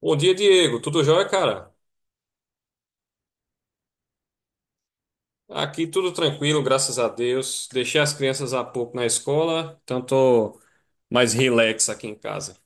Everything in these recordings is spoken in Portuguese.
Bom dia, Diego. Tudo jóia, cara? Aqui tudo tranquilo, graças a Deus. Deixei as crianças há pouco na escola, então tô mais relax aqui em casa.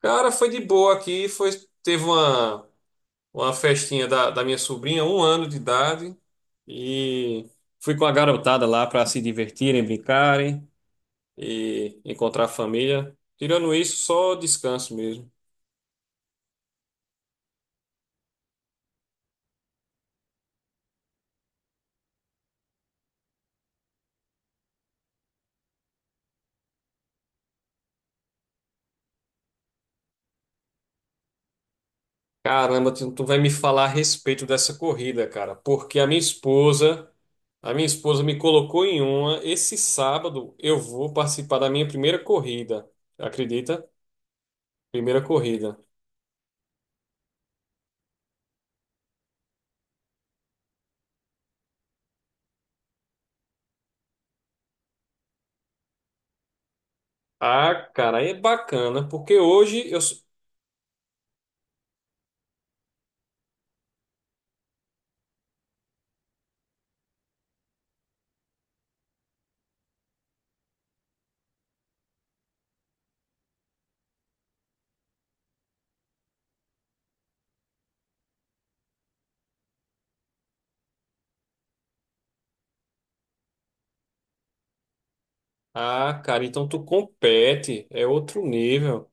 Cara, foi de boa aqui. Teve uma festinha da minha sobrinha, um ano de idade, e fui com a garotada lá para se divertirem, brincarem e encontrar a família. Tirando isso, só descanso mesmo. Caramba, tu vai me falar a respeito dessa corrida, cara, porque a minha esposa me colocou em uma. Esse sábado eu vou participar da minha primeira corrida. Acredita? Primeira corrida. Ah, cara, aí é bacana, porque hoje eu. Ah, cara, então tu compete, é outro nível.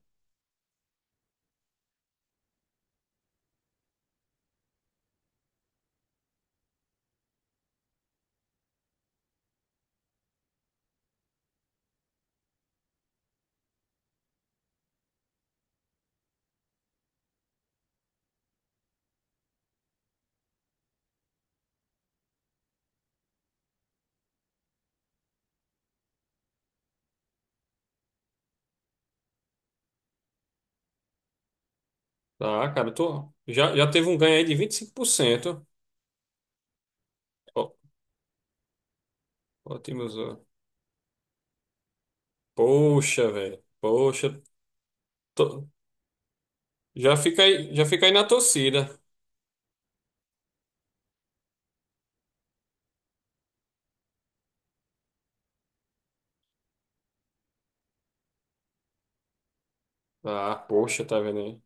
Ah, cara, tu já teve um ganho aí de 25%. Ó, ótimos. Ó. Poxa, velho. Poxa, tô- já fica aí na torcida. Ah, poxa, tá vendo aí?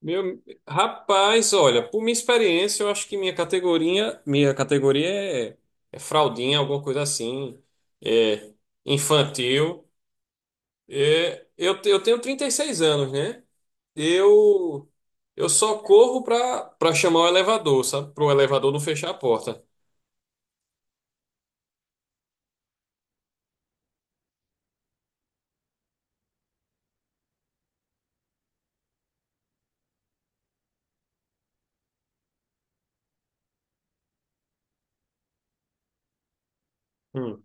Meu, rapaz, olha, por minha experiência, eu acho que minha categoria é, é fraldinha, alguma coisa assim, é infantil. Eu tenho 36 anos, né? Eu eu só corro pra chamar o elevador, sabe? Pro elevador não fechar a porta. Hum,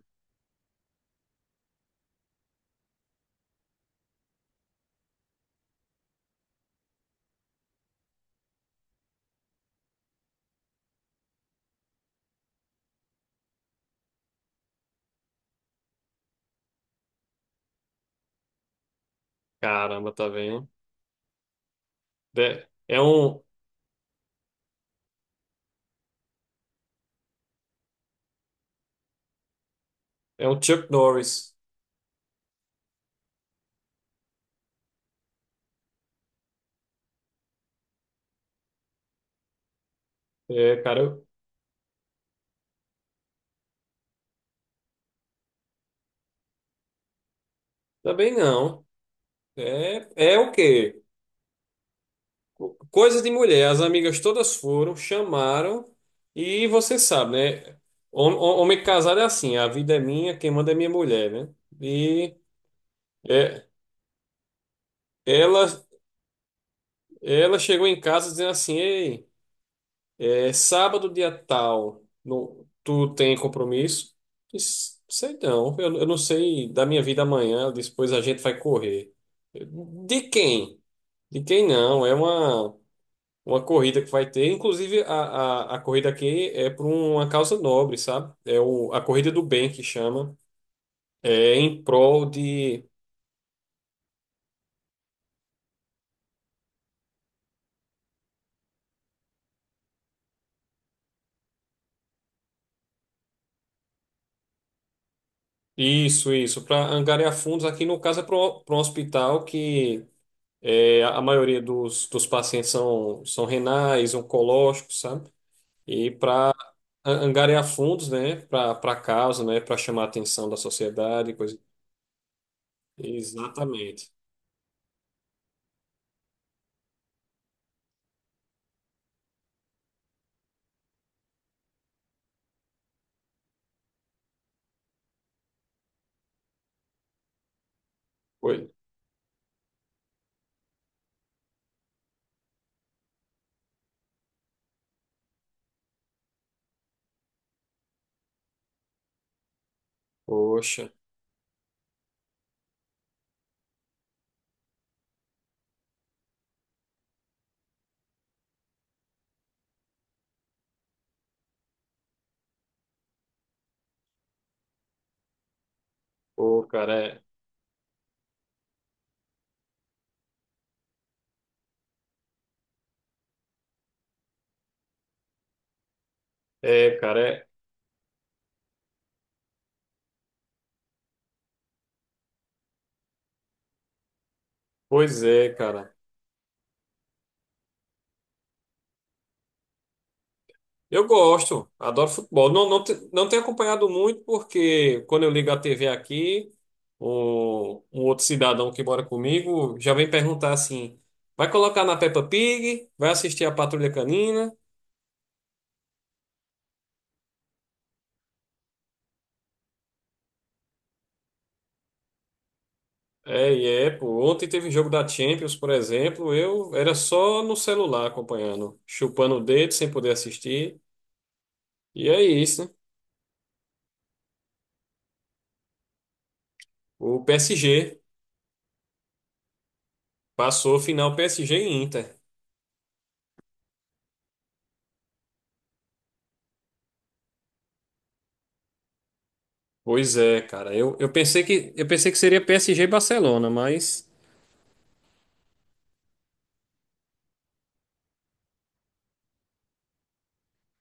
Caramba, tá vendo? É, é um é um Chuck Norris. É, cara, também não. É, é o quê? Coisa de mulher, as amigas todas foram, chamaram, e você sabe, né? Homem casado é assim, a vida é minha, quem manda é minha mulher, né? E é, ela, ela chegou em casa dizendo assim, ei, é sábado dia tal, no, tu tem compromisso? Eu disse, sei não, eu não sei da minha vida amanhã, depois a gente vai correr. Eu, De quem? De quem não? É uma corrida que vai ter. Inclusive, a corrida aqui é por uma causa nobre, sabe? É a Corrida do Bem que chama. É em prol de. Isso, isso. Para angariar fundos, aqui no caso é para um hospital que a maioria dos pacientes são renais, oncológicos, sabe? E para angariar fundos, né? Para causa, né? Para chamar a atenção da sociedade, coisa. Exatamente. Oi. Poxa. Pô, cara, é. É, cara, é. Pois é, cara. Eu gosto, adoro futebol. Não, não, não tenho acompanhado muito, porque quando eu ligo a TV aqui, um outro cidadão que mora comigo já vem perguntar assim: vai colocar na Peppa Pig? Vai assistir a Patrulha Canina? É, pô. Ontem teve jogo da Champions, por exemplo. Eu era só no celular acompanhando, chupando o dedo sem poder assistir. E é isso, né? O PSG passou. Final: PSG e Inter. Pois é, cara. Eu pensei que seria PSG e Barcelona, mas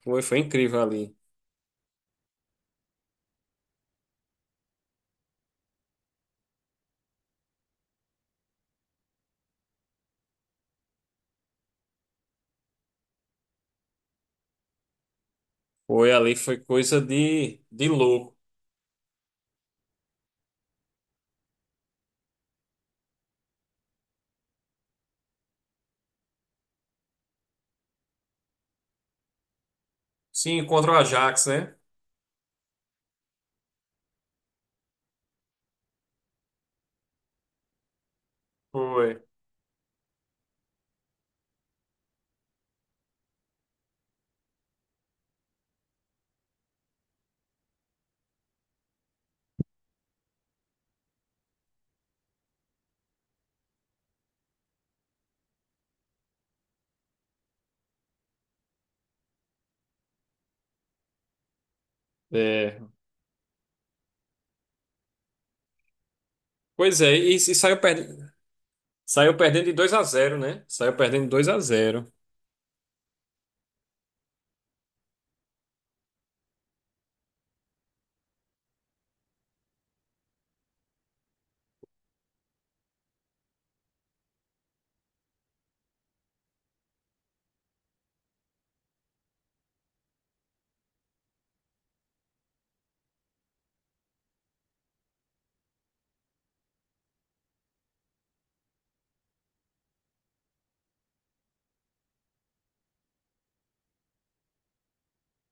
foi incrível ali. Foi ali, foi coisa de louco. Sim, contra o Ajax, né? Foi. É. Pois é, e saiu perdendo de 2 a zero, né? Saiu perdendo de 2 a zero.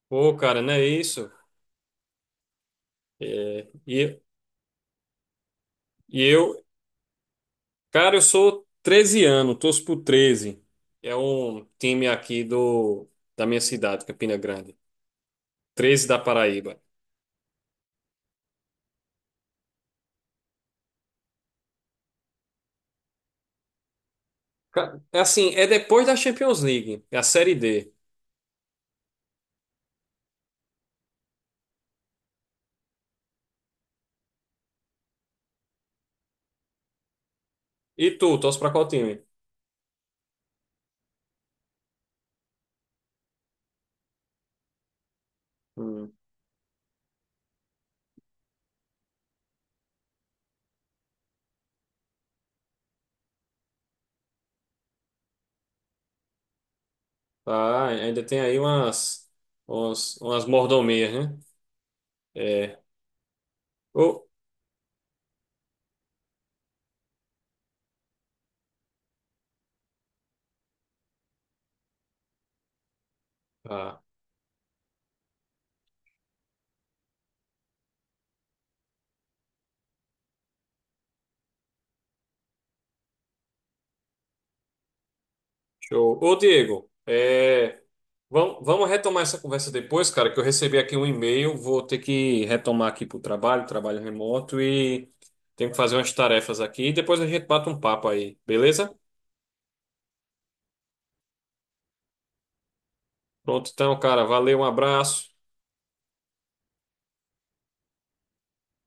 Pô, cara, não é isso? É, e cara, eu sou Treze anos, torço pro Treze. É um time aqui do da minha cidade, Campina Grande. Treze da Paraíba. Assim, é depois da Champions League, é a Série D. E tu, torce pra qual time? Hum. Ah, ainda tem aí umas mordomias, né? É. Ô, ah, show. Ô, Diego, vamos retomar essa conversa depois, cara, que eu recebi aqui um e-mail, vou ter que retomar aqui pro trabalho, remoto, e tenho que fazer umas tarefas aqui, e depois a gente bate um papo aí, beleza? Pronto, então, cara, valeu, um abraço.